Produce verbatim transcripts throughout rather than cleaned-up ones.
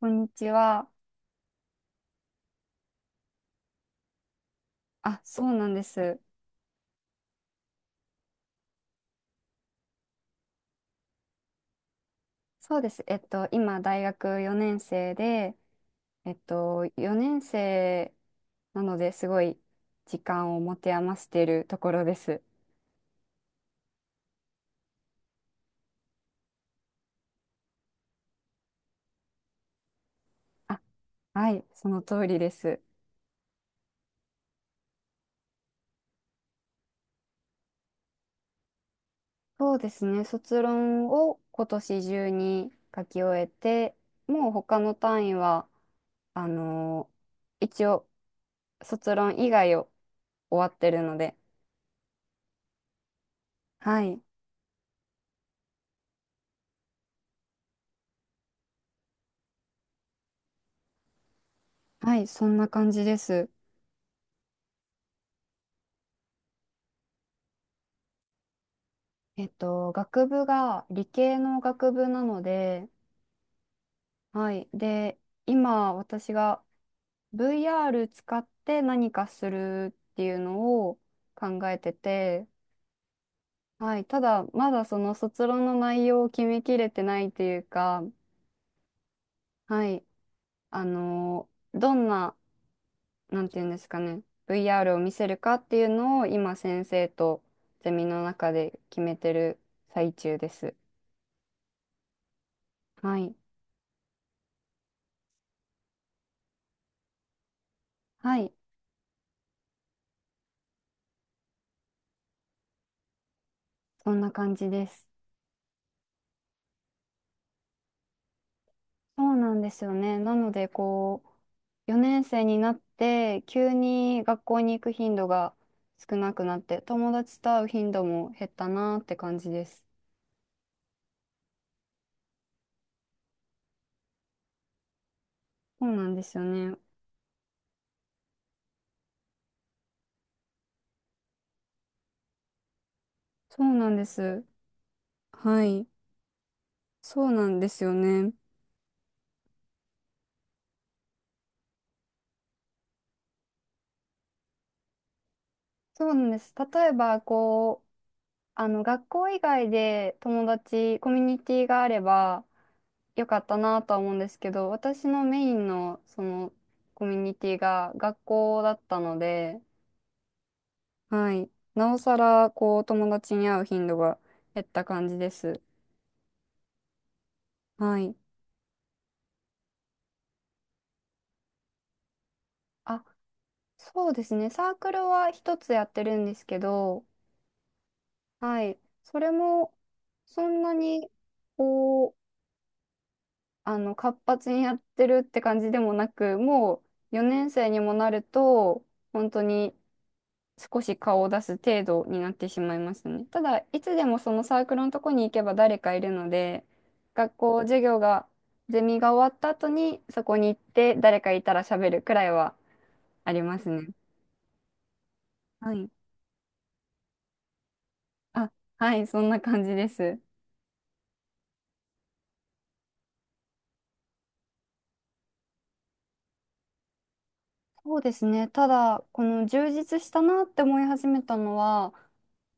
こんにちは。あ、そうなんです。そうです。えっと、今、大学よねん生で、えっと、よねん生なのですごい時間を持て余しているところです。あ、はい、その通りです。そうですね。卒論を今年中に書き終えて、もう他の単位は、あの一応、卒論以外を終わってるので、はい、はい、そんな感じです。えっと、学部が理系の学部なので、はい。で、今私が ブイアール 使って何かするっていうのを考えてて、はい。ただ、まだその卒論の内容を決めきれてないというか、はい。あの、どんな、なんていうんですかね、ブイアール を見せるかっていうのを今先生とゼミの中で決めてる最中です。はい。はい。そんな感じです。そうなんですよね。なので、こう、よねん生になって、急に学校に行く頻度が少なくなって、友達と会う頻度も減ったなって感じです。そうなんですよね。そうなんです。はい。そうなんですよね。そうなんです。例えば、こう、あの、学校以外で友達、コミュニティがあれば、よかったなとは思うんですけど、私のメインの、その、コミュニティが学校だったので、はい。なおさら、こう、友達に会う頻度が減った感じです。はい。あ、そうですね。サークルは一つやってるんですけど、はい。それも、そんなに、こう、あの、活発にやってるって感じでもなく、もう、よねん生にもなると、本当に少し顔を出す程度になってしまいますね。ただ、いつでもそのサークルのとこに行けば誰かいるので、学校、授業が、ゼミが終わった後にそこに行って誰かいたら喋るくらいはありますね。はい。あ、はい、そんな感じです。そうですね。ただ、この充実したなって思い始めたのは、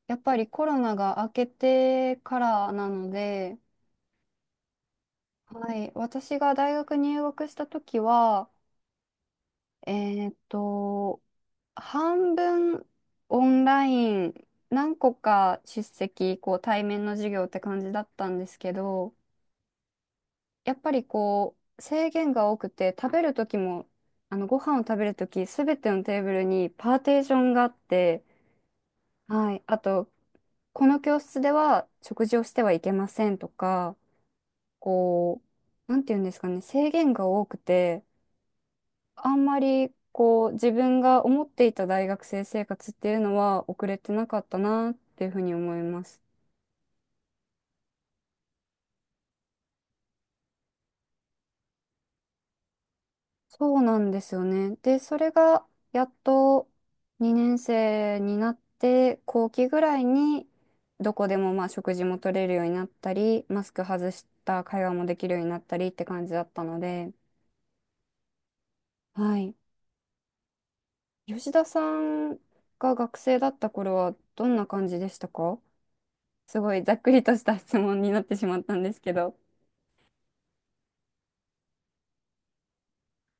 やっぱりコロナが明けてからなので、はい、私が大学入学した時は、えーっと、半分オンライン、何個か出席、こう対面の授業って感じだったんですけど、やっぱりこう制限が多くて、食べる時も、あのご飯を食べる時すべてのテーブルにパーテーションがあって、はい、あと、この教室では食事をしてはいけませんとか、こう、なんていうんですかね、制限が多くて、あんまりこう自分が思っていた大学生生活っていうのは遅れてなかったなっていうふうに思います。そうなんですよね。で、それがやっとにねん生になって後期ぐらいにどこでもまあ食事も取れるようになったり、マスク外した会話もできるようになったりって感じだったので、はい。吉田さんが学生だった頃はどんな感じでしたか？すごいざっくりとした質問になってしまったんですけど。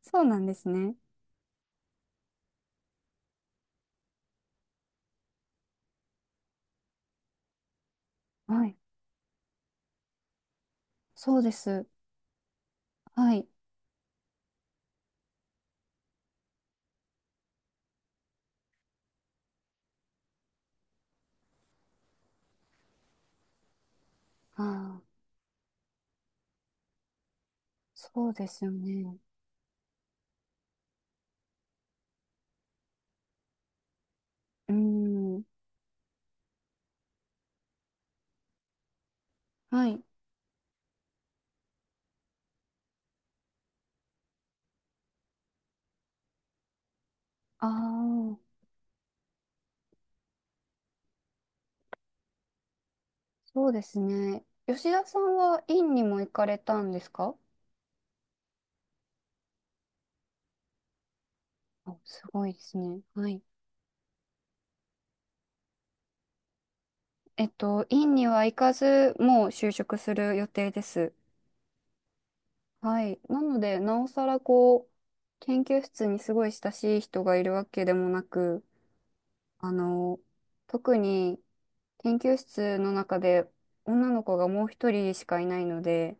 そうなんですね。はい。そうです。はい。ああ、そうですよね。うーん。はい。ああ、そうですね。吉田さんは院にも行かれたんですか？あ、すごいですね。はい。えっと、院には行かず、もう就職する予定です。はい。なので、なおさらこう、研究室にすごい親しい人がいるわけでもなく、あの、特に研究室の中で女の子がもう一人しかいないので、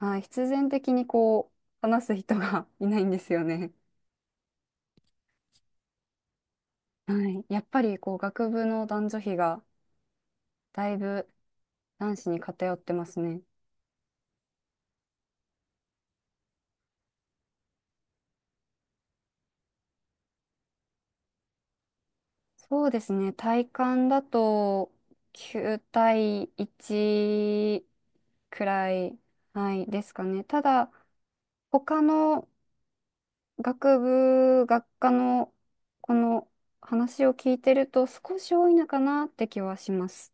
はい、必然的にこう、話す人が いないんですよね。はい、やっぱりこう、学部の男女比がだいぶ男子に偏ってますね。そうですね、体感だときゅう対いちくらい、はい、ですかね。ただ、他の学部学科のこの話を聞いてると少し多いのかなって気はします。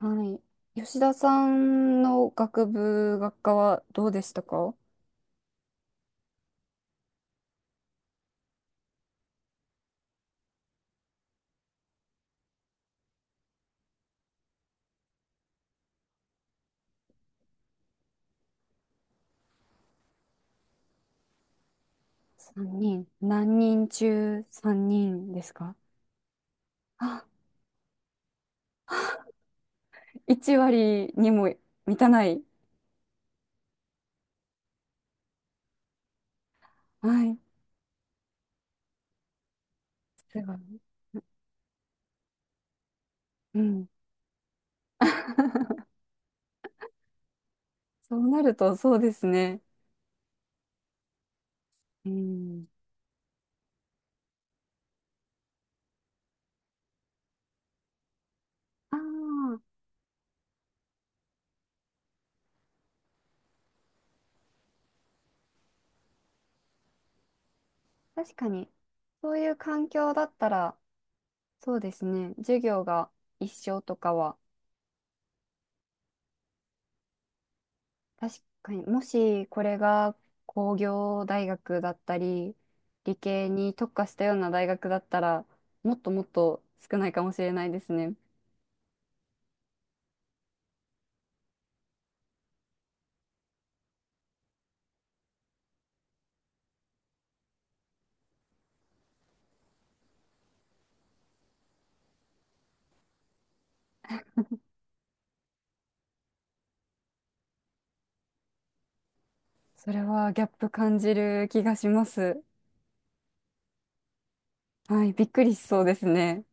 はい。吉田さんの学部学科はどうでしたか ?さん 人。何人中さんにんですか？あ、いち割にも満たない。はい。すごい。うん。そうなるとそうですね。うん。ああ、確かに。そういう環境だったら、そうですね。授業が一緒とかは、確かに、もしこれが工業大学だったり、理系に特化したような大学だったら、もっともっと少ないかもしれないですね。それはギャップ感じる気がします。はい、びっくりしそうですね。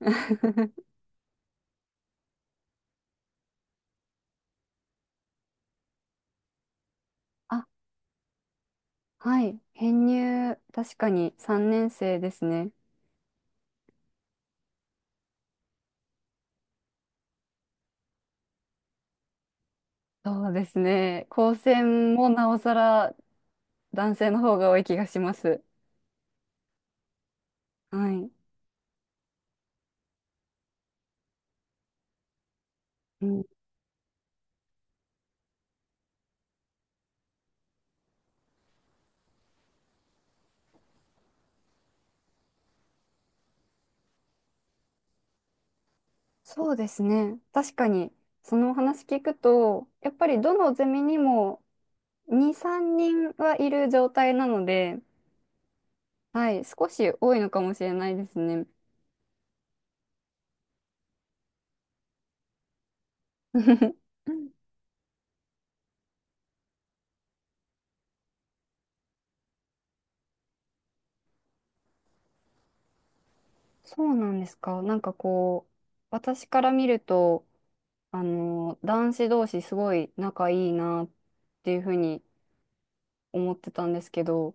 あ、はい、編入、確かにさんねん生ですね。そうですね。高専もなおさら男性の方が多い気がします。はい。うん、そうですね。確かに、そのお話聞くと、やっぱりどのゼミにもに、さんにんはいる状態なので、はい、少し多いのかもしれないですね。そうなんですか。なんかこう、私から見ると、あの、男子同士すごい仲いいなっていうふうに思ってたんですけど、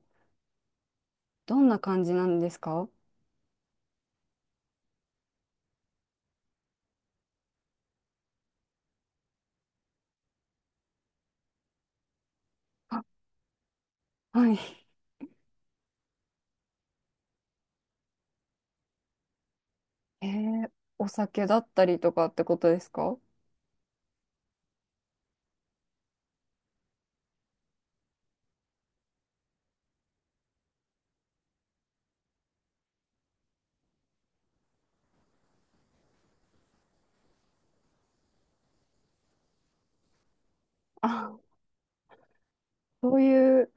どんな感じなんですか？あ、はい。えー、お酒だったりとかってことですか？あ、そういう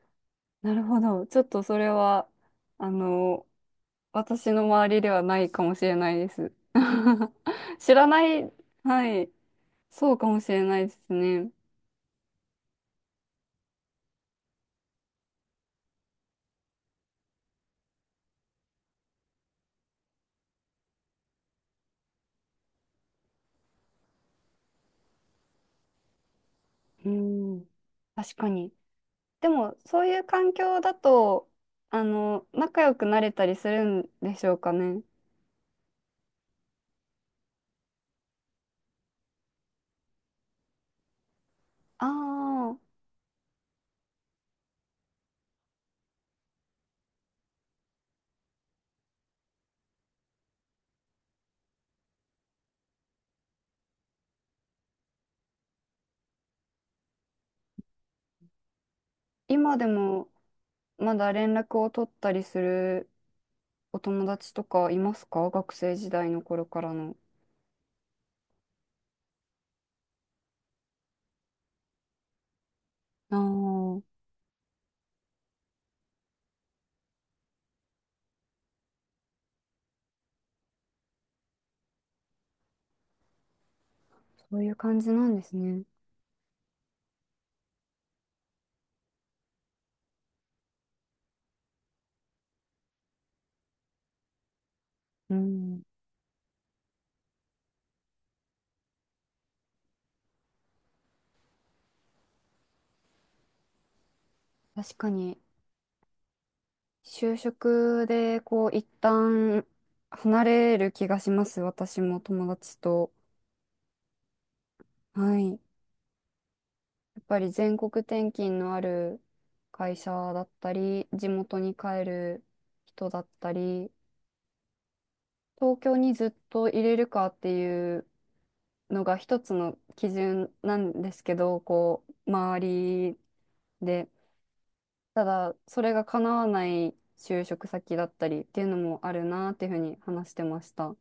なるほど。ちょっとそれは、あの、私の周りではないかもしれないです。知らない、はい、そうかもしれないですね。うん、確かに。でも、そういう環境だと、あの、仲良くなれたりするんでしょうかね。ああ、今でもまだ連絡を取ったりするお友達とかいますか？学生時代の頃からの。ああ、そういう感じなんですね。うん、確かに、就職で、こう、一旦離れる気がします。私も友達と。はい。やっぱり全国転勤のある会社だったり、地元に帰る人だったり、東京にずっと入れるかっていうのが一つの基準なんですけど、こう、周りで。ただ、それが叶わない就職先だったりっていうのもあるなっていうふうに話してました。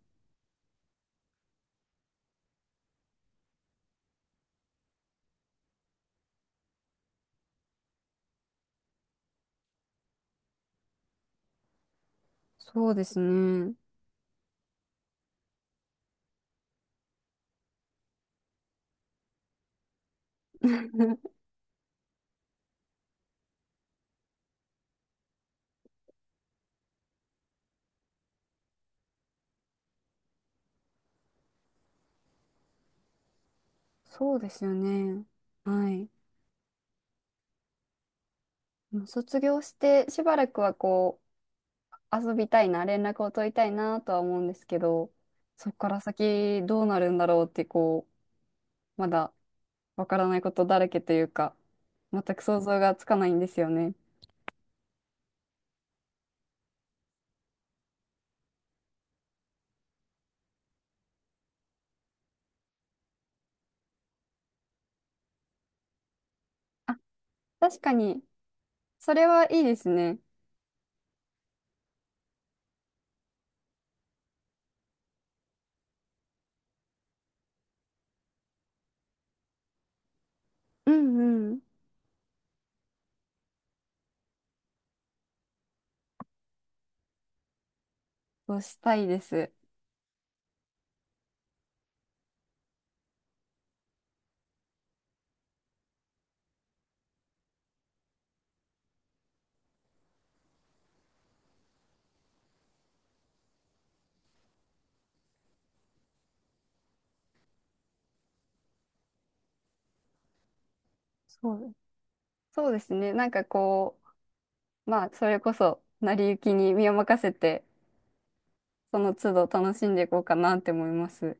そうですね。そうですよね。はい。もう卒業してしばらくはこう遊びたいな、連絡を取りたいなとは思うんですけど、そこから先どうなるんだろうってこう、まだわからないことだらけというか、全く想像がつかないんですよね。確かに、それはいいですね。うんうん。そうしたいです。そう、そうですね。なんかこう、まあ、それこそ、成り行きに身を任せて、その都度楽しんでいこうかなって思います。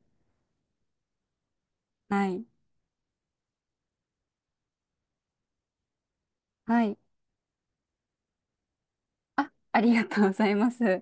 はい。はい。あ、ありがとうございます。